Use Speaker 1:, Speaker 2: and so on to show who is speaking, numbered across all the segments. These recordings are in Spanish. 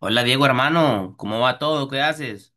Speaker 1: Hola Diego, hermano, ¿cómo va todo? ¿Qué haces?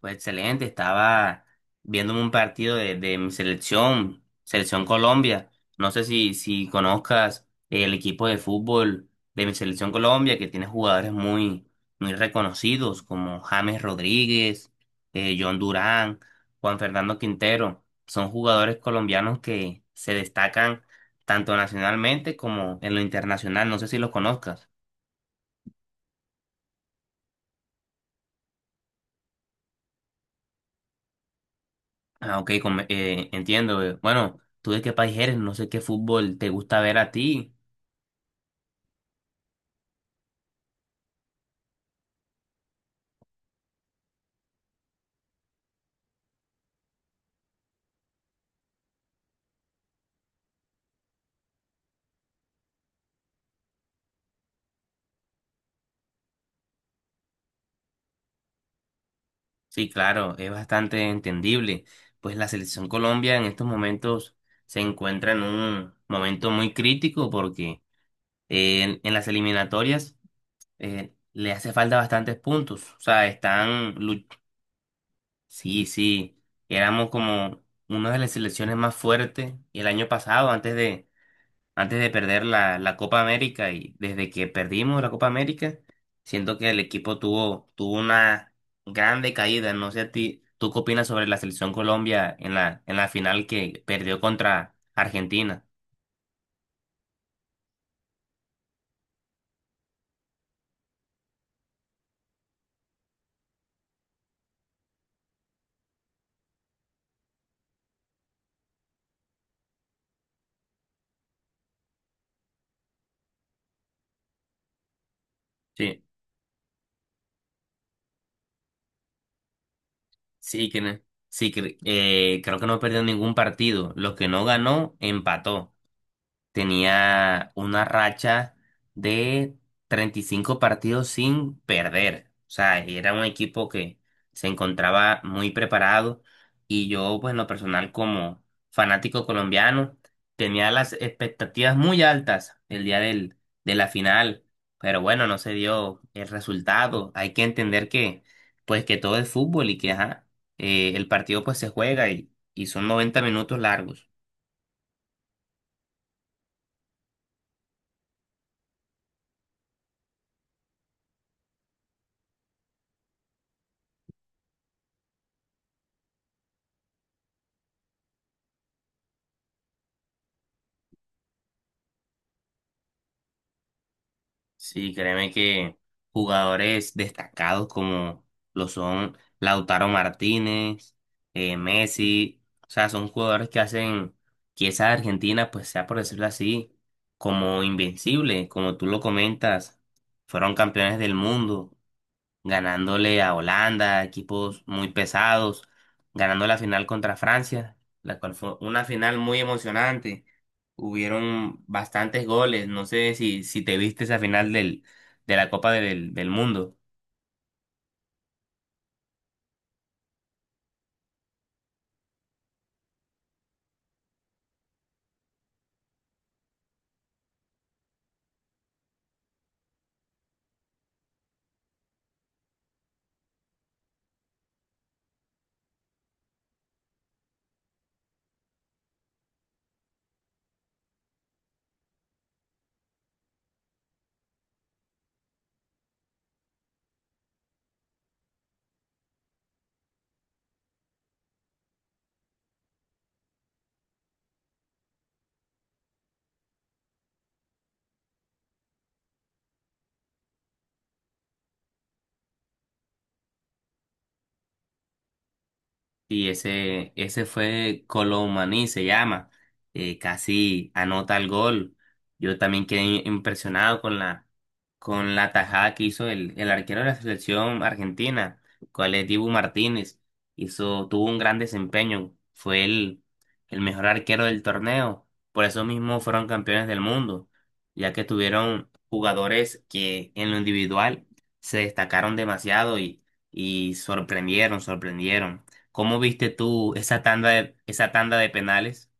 Speaker 1: Pues excelente, estaba viéndome un partido de mi selección, Selección Colombia. No sé si conozcas el equipo de fútbol de mi Selección Colombia, que tiene jugadores muy, muy reconocidos como James Rodríguez, John Durán, Juan Fernando Quintero. Son jugadores colombianos que se destacan tanto nacionalmente como en lo internacional. No sé si los conozcas. Ah, ok, entiendo. Bueno, ¿tú de qué país eres? No sé qué fútbol te gusta ver a ti. Sí, claro, es bastante entendible. Pues la selección Colombia en estos momentos se encuentra en un momento muy crítico porque en las eliminatorias le hace falta bastantes puntos. O sea, están. Sí, sí, éramos como una de las selecciones más fuertes el año pasado antes de perder la Copa América y desde que perdimos la Copa América, siento que el equipo tuvo una grande caída. No sé a ti, ¿tú qué opinas sobre la selección Colombia en la final que perdió contra Argentina? Sí, sí, que, no- sí, creo que no perdió ningún partido. Los que no ganó, empató. Tenía una racha de 35 partidos sin perder. O sea, era un equipo que se encontraba muy preparado y yo, pues en lo personal, como fanático colombiano, tenía las expectativas muy altas el día de la final, pero bueno, no se dio el resultado. Hay que entender que, pues que todo es fútbol y que, ajá, el partido pues se juega y son 90 minutos largos. Sí, créeme que jugadores destacados como lo son Lautaro Martínez, Messi, o sea, son jugadores que hacen que esa Argentina, pues sea por decirlo así, como invencible, como tú lo comentas, fueron campeones del mundo, ganándole a Holanda, equipos muy pesados, ganando la final contra Francia, la cual fue una final muy emocionante. Hubieron bastantes goles, no sé si te viste esa final de la Copa del Mundo. Y ese fue Colomani, se llama. Casi anota el gol. Yo también quedé impresionado con la tajada que hizo el arquero de la selección argentina, cual es Dibu Martínez. Tuvo un gran desempeño. Fue el mejor arquero del torneo. Por eso mismo fueron campeones del mundo, ya que tuvieron jugadores que en lo individual se destacaron demasiado y sorprendieron, sorprendieron. ¿Cómo viste tú esa tanda de penales?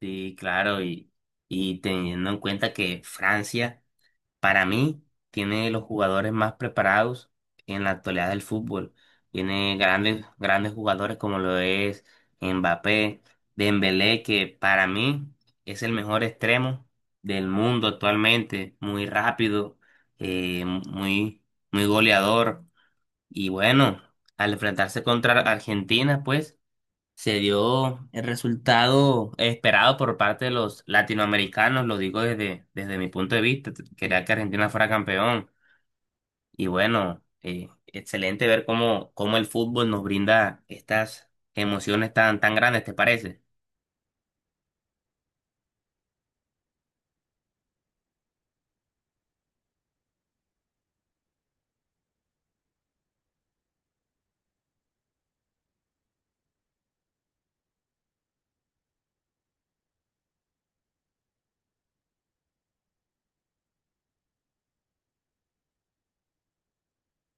Speaker 1: Sí, claro, y teniendo en cuenta que Francia, para mí, tiene los jugadores más preparados en la actualidad del fútbol. Tiene grandes, grandes jugadores como lo es Mbappé, Dembélé, que para mí es el mejor extremo del mundo actualmente, muy rápido, muy, muy goleador. Y bueno, al enfrentarse contra Argentina, pues se dio el resultado esperado por parte de los latinoamericanos, lo digo desde mi punto de vista, quería que Argentina fuera campeón y bueno, excelente ver cómo el fútbol nos brinda estas emociones tan, tan grandes, ¿te parece?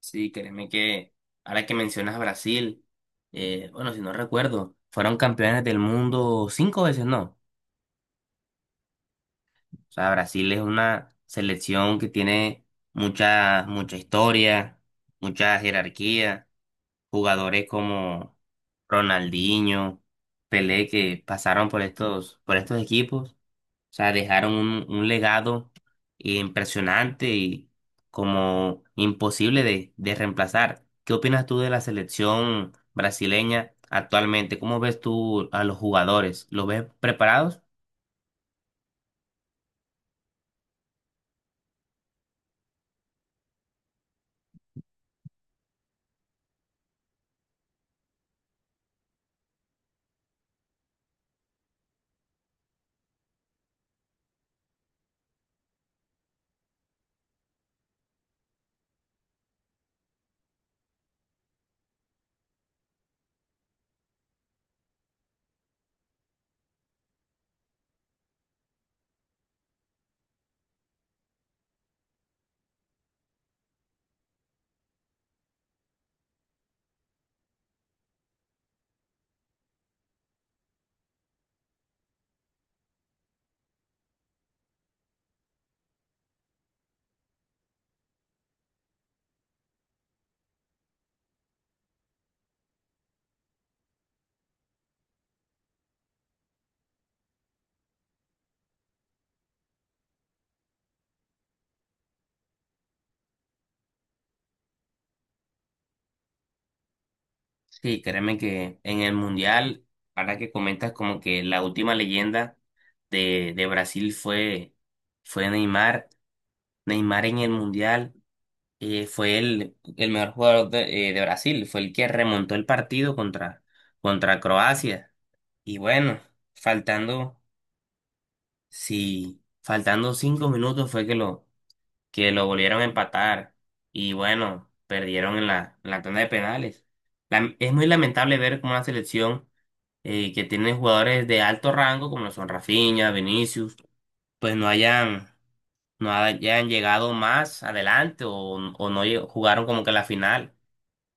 Speaker 1: Sí, créeme que ahora que mencionas a Brasil, bueno, si no recuerdo, fueron campeones del mundo cinco veces, ¿no? O sea, Brasil es una selección que tiene mucha, mucha historia, mucha jerarquía. Jugadores como Ronaldinho, Pelé, que pasaron por estos equipos, o sea, dejaron un legado impresionante y como imposible de reemplazar. ¿Qué opinas tú de la selección brasileña actualmente? ¿Cómo ves tú a los jugadores? ¿Los ves preparados? Sí, créeme que en el Mundial, ahora que comentas como que la última leyenda de Brasil fue Neymar en el Mundial, fue el mejor jugador de Brasil, fue el que remontó el partido contra Croacia. Y bueno, faltando, sí, faltando 5 minutos fue que que lo volvieron a empatar. Y bueno, perdieron en la tanda de penales. Es muy lamentable ver cómo una selección que tiene jugadores de alto rango, como lo son Rafinha, Vinicius, pues no hayan llegado más adelante o no lle- jugaron como que la final.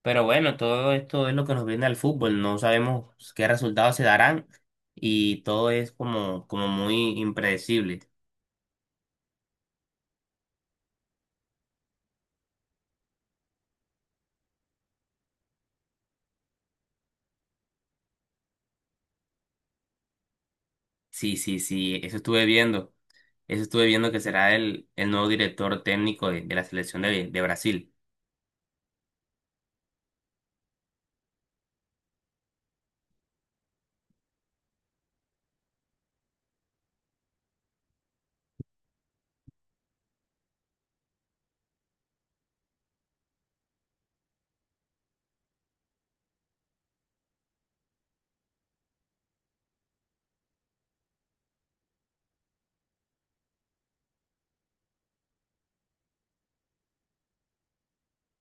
Speaker 1: Pero bueno, todo esto es lo que nos viene al fútbol, no sabemos qué resultados se darán y todo es como muy impredecible. Sí, sí, sí, eso estuve viendo, que será el nuevo director técnico de la selección de Brasil.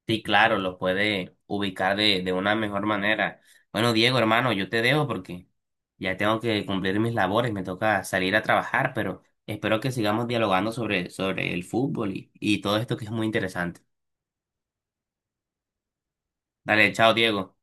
Speaker 1: Sí, claro, lo puede ubicar de una mejor manera. Bueno, Diego, hermano, yo te dejo porque ya tengo que cumplir mis labores, me toca salir a trabajar, pero espero que sigamos dialogando sobre el fútbol y todo esto que es muy interesante. Dale, chao, Diego.